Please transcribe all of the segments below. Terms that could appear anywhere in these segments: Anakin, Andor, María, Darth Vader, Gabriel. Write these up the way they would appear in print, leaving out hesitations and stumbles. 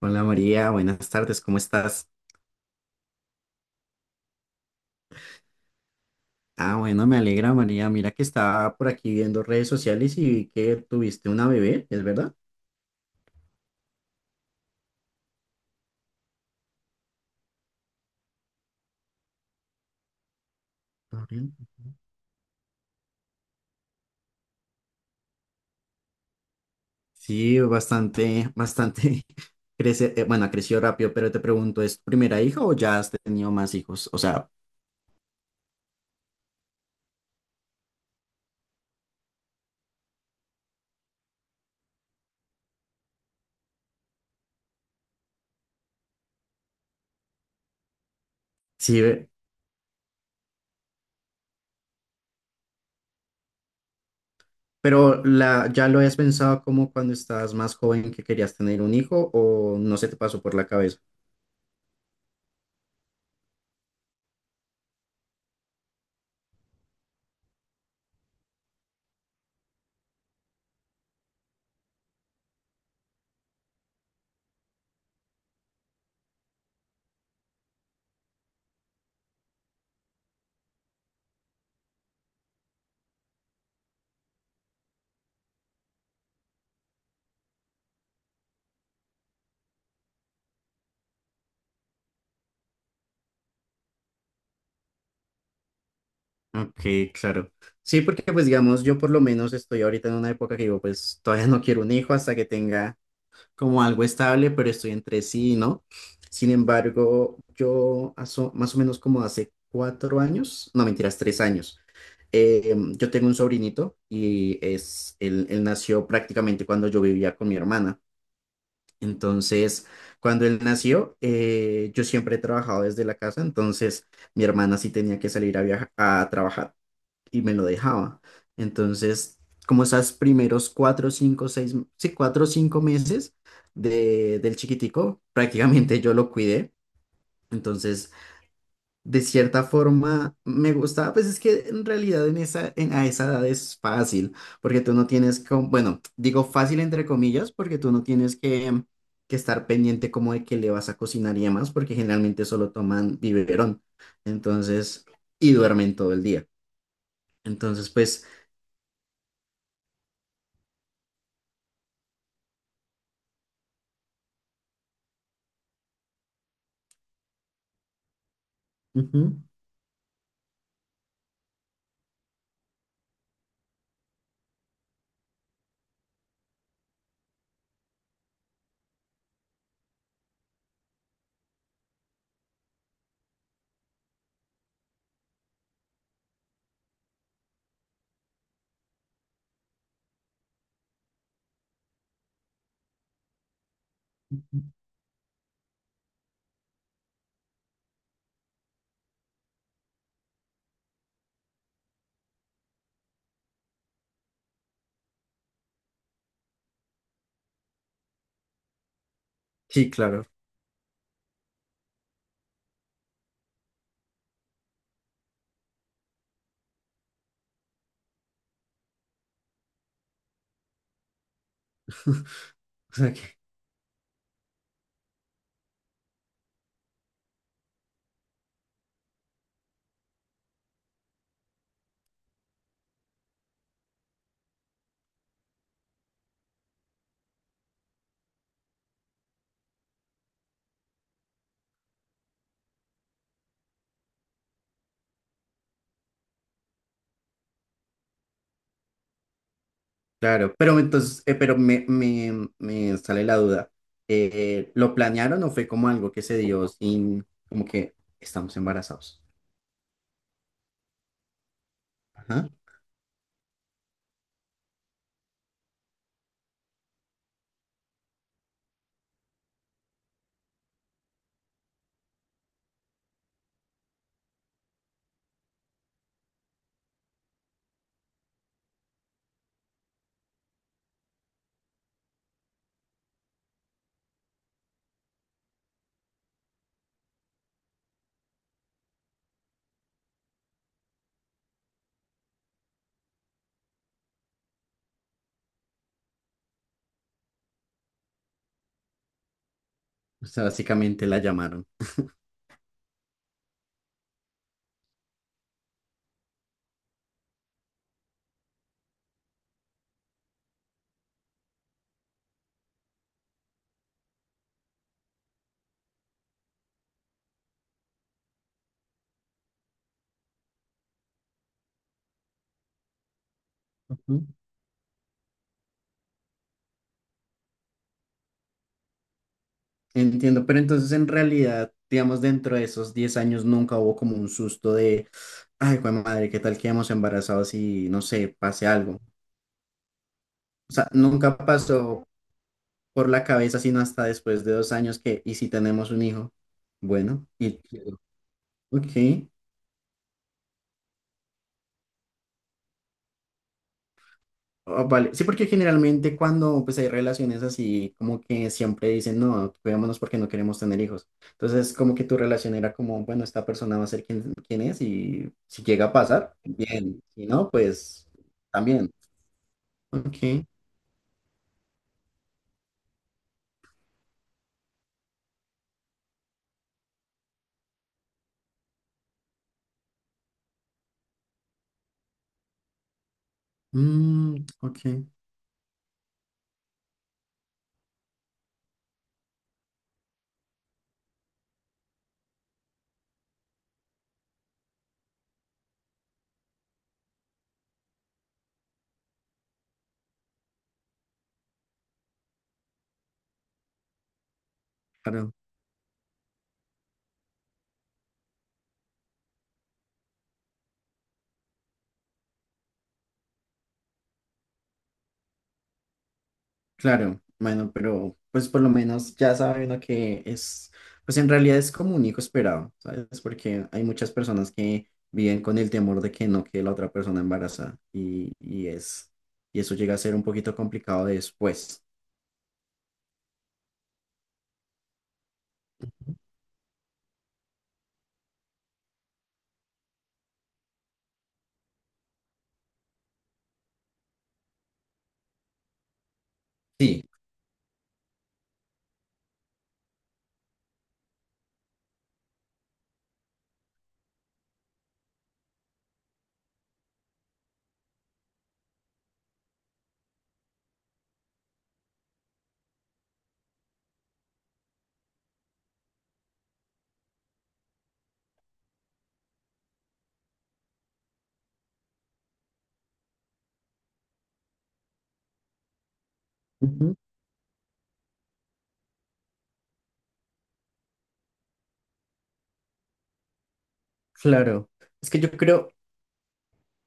Hola María, buenas tardes, ¿cómo estás? Ah, bueno, me alegra María, mira que estaba por aquí viendo redes sociales y vi que tuviste una bebé, ¿es verdad? Gabriel. Sí, bastante, bastante, crece, bueno, creció rápido, pero te pregunto, ¿es tu primera hija o ya has tenido más hijos? O sea, sí, pero ¿ya lo habías pensado como cuando estabas más joven que querías tener un hijo o no se te pasó por la cabeza? Ok, claro. Sí, porque pues digamos, yo por lo menos estoy ahorita en una época que digo, pues todavía no quiero un hijo hasta que tenga como algo estable, pero estoy entre sí, y ¿no? Sin embargo, yo más o menos como hace 4 años, no mentiras, 3 años, yo tengo un sobrinito y es, él nació prácticamente cuando yo vivía con mi hermana. Entonces, cuando él nació, yo siempre he trabajado desde la casa, entonces mi hermana sí tenía que salir a viajar, a trabajar y me lo dejaba. Entonces, como esas primeros cuatro, cinco, seis, sí, 4 o 5 meses del chiquitico, prácticamente yo lo cuidé. Entonces, de cierta forma, me gustaba, pues es que en realidad en esa, a esa edad es fácil, porque tú no tienes, como, bueno, digo fácil entre comillas, porque tú no tienes que estar pendiente como de que le vas a cocinar y demás, porque generalmente solo toman biberón. Entonces, y duermen todo el día. Entonces, pues... Ujú. Sí, claro. O sea que, claro, pero entonces, pero me sale la duda. ¿Lo planearon o fue como algo que se dio sin, como que estamos embarazados? Ajá. O sea, básicamente la llamaron. Ujú. Entiendo, pero entonces en realidad, digamos, dentro de esos 10 años nunca hubo como un susto de, ay, jue madre, ¿qué tal quedamos embarazados y no sé, pase algo? O sea, nunca pasó por la cabeza, sino hasta después de 2 años que, y si tenemos un hijo, bueno, y, ok. Ah, vale, sí, porque generalmente cuando pues hay relaciones así, como que siempre dicen, no, cuidémonos porque no queremos tener hijos, entonces como que tu relación era como, bueno, esta persona va a ser quien, quien es y si llega a pasar, bien, si no, pues también, ok, mm, ok, claro. Claro, bueno, pero pues por lo menos ya sabe uno que es, pues en realidad es como un hijo esperado, ¿sabes? Porque hay muchas personas que viven con el temor de que no quede la otra persona embarazada y eso llega a ser un poquito complicado después. Sí, ujú, claro. Es que yo creo,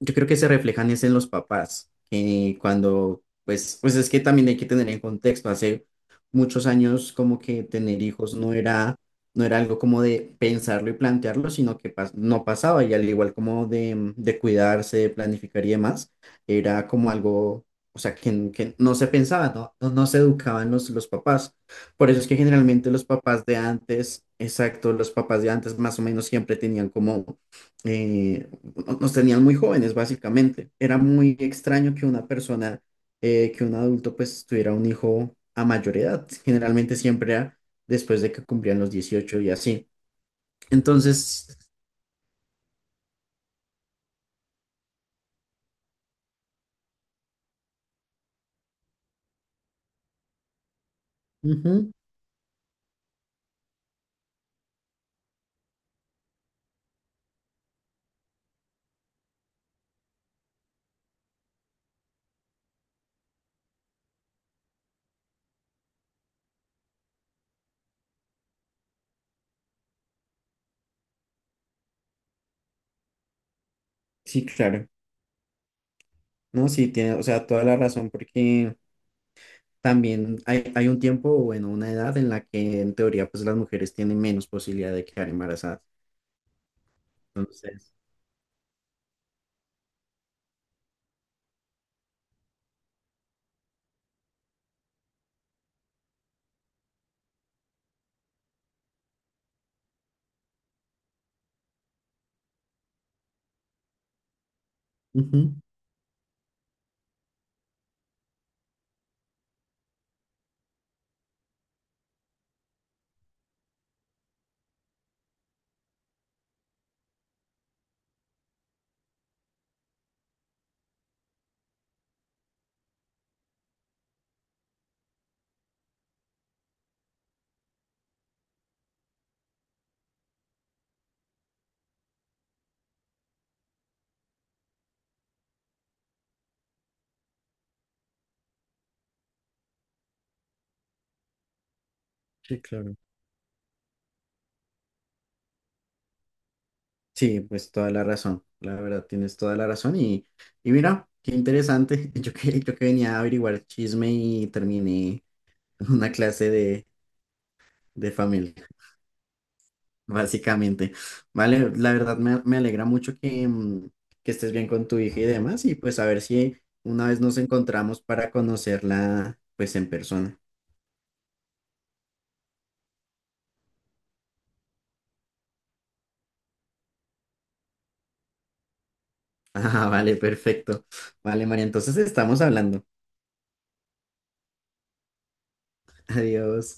Yo creo que se reflejan es en los papás, que cuando, pues es que también hay que tener en contexto, hace muchos años como que tener hijos no era, no era algo como de pensarlo y plantearlo, sino que no pasaba, y al igual como de cuidarse, de planificar y demás, era como algo, o sea, que no se pensaba, no, no, no se educaban los papás. Por eso es que generalmente los papás de antes, exacto, los papás de antes más o menos siempre tenían como... eh, nos tenían muy jóvenes, básicamente. Era muy extraño que una persona, que un adulto, pues tuviera un hijo a mayor edad. Generalmente siempre era después de que cumplían los 18 y así. Entonces, ujú, sí, claro. No, sí, tiene, o sea, toda la razón, porque también hay un tiempo, o bueno, una edad en la que en teoría, pues las mujeres tienen menos posibilidad de quedar embarazadas. Entonces, ujú, sí, claro. Sí, pues toda la razón, la verdad tienes toda la razón y mira, qué interesante, yo que venía a averiguar chisme y terminé en una clase de, familia, básicamente. Vale, la verdad me alegra mucho que estés bien con tu hija y demás y pues a ver si una vez nos encontramos para conocerla pues en persona. Ah, vale, perfecto. Vale, María, entonces estamos hablando. Adiós.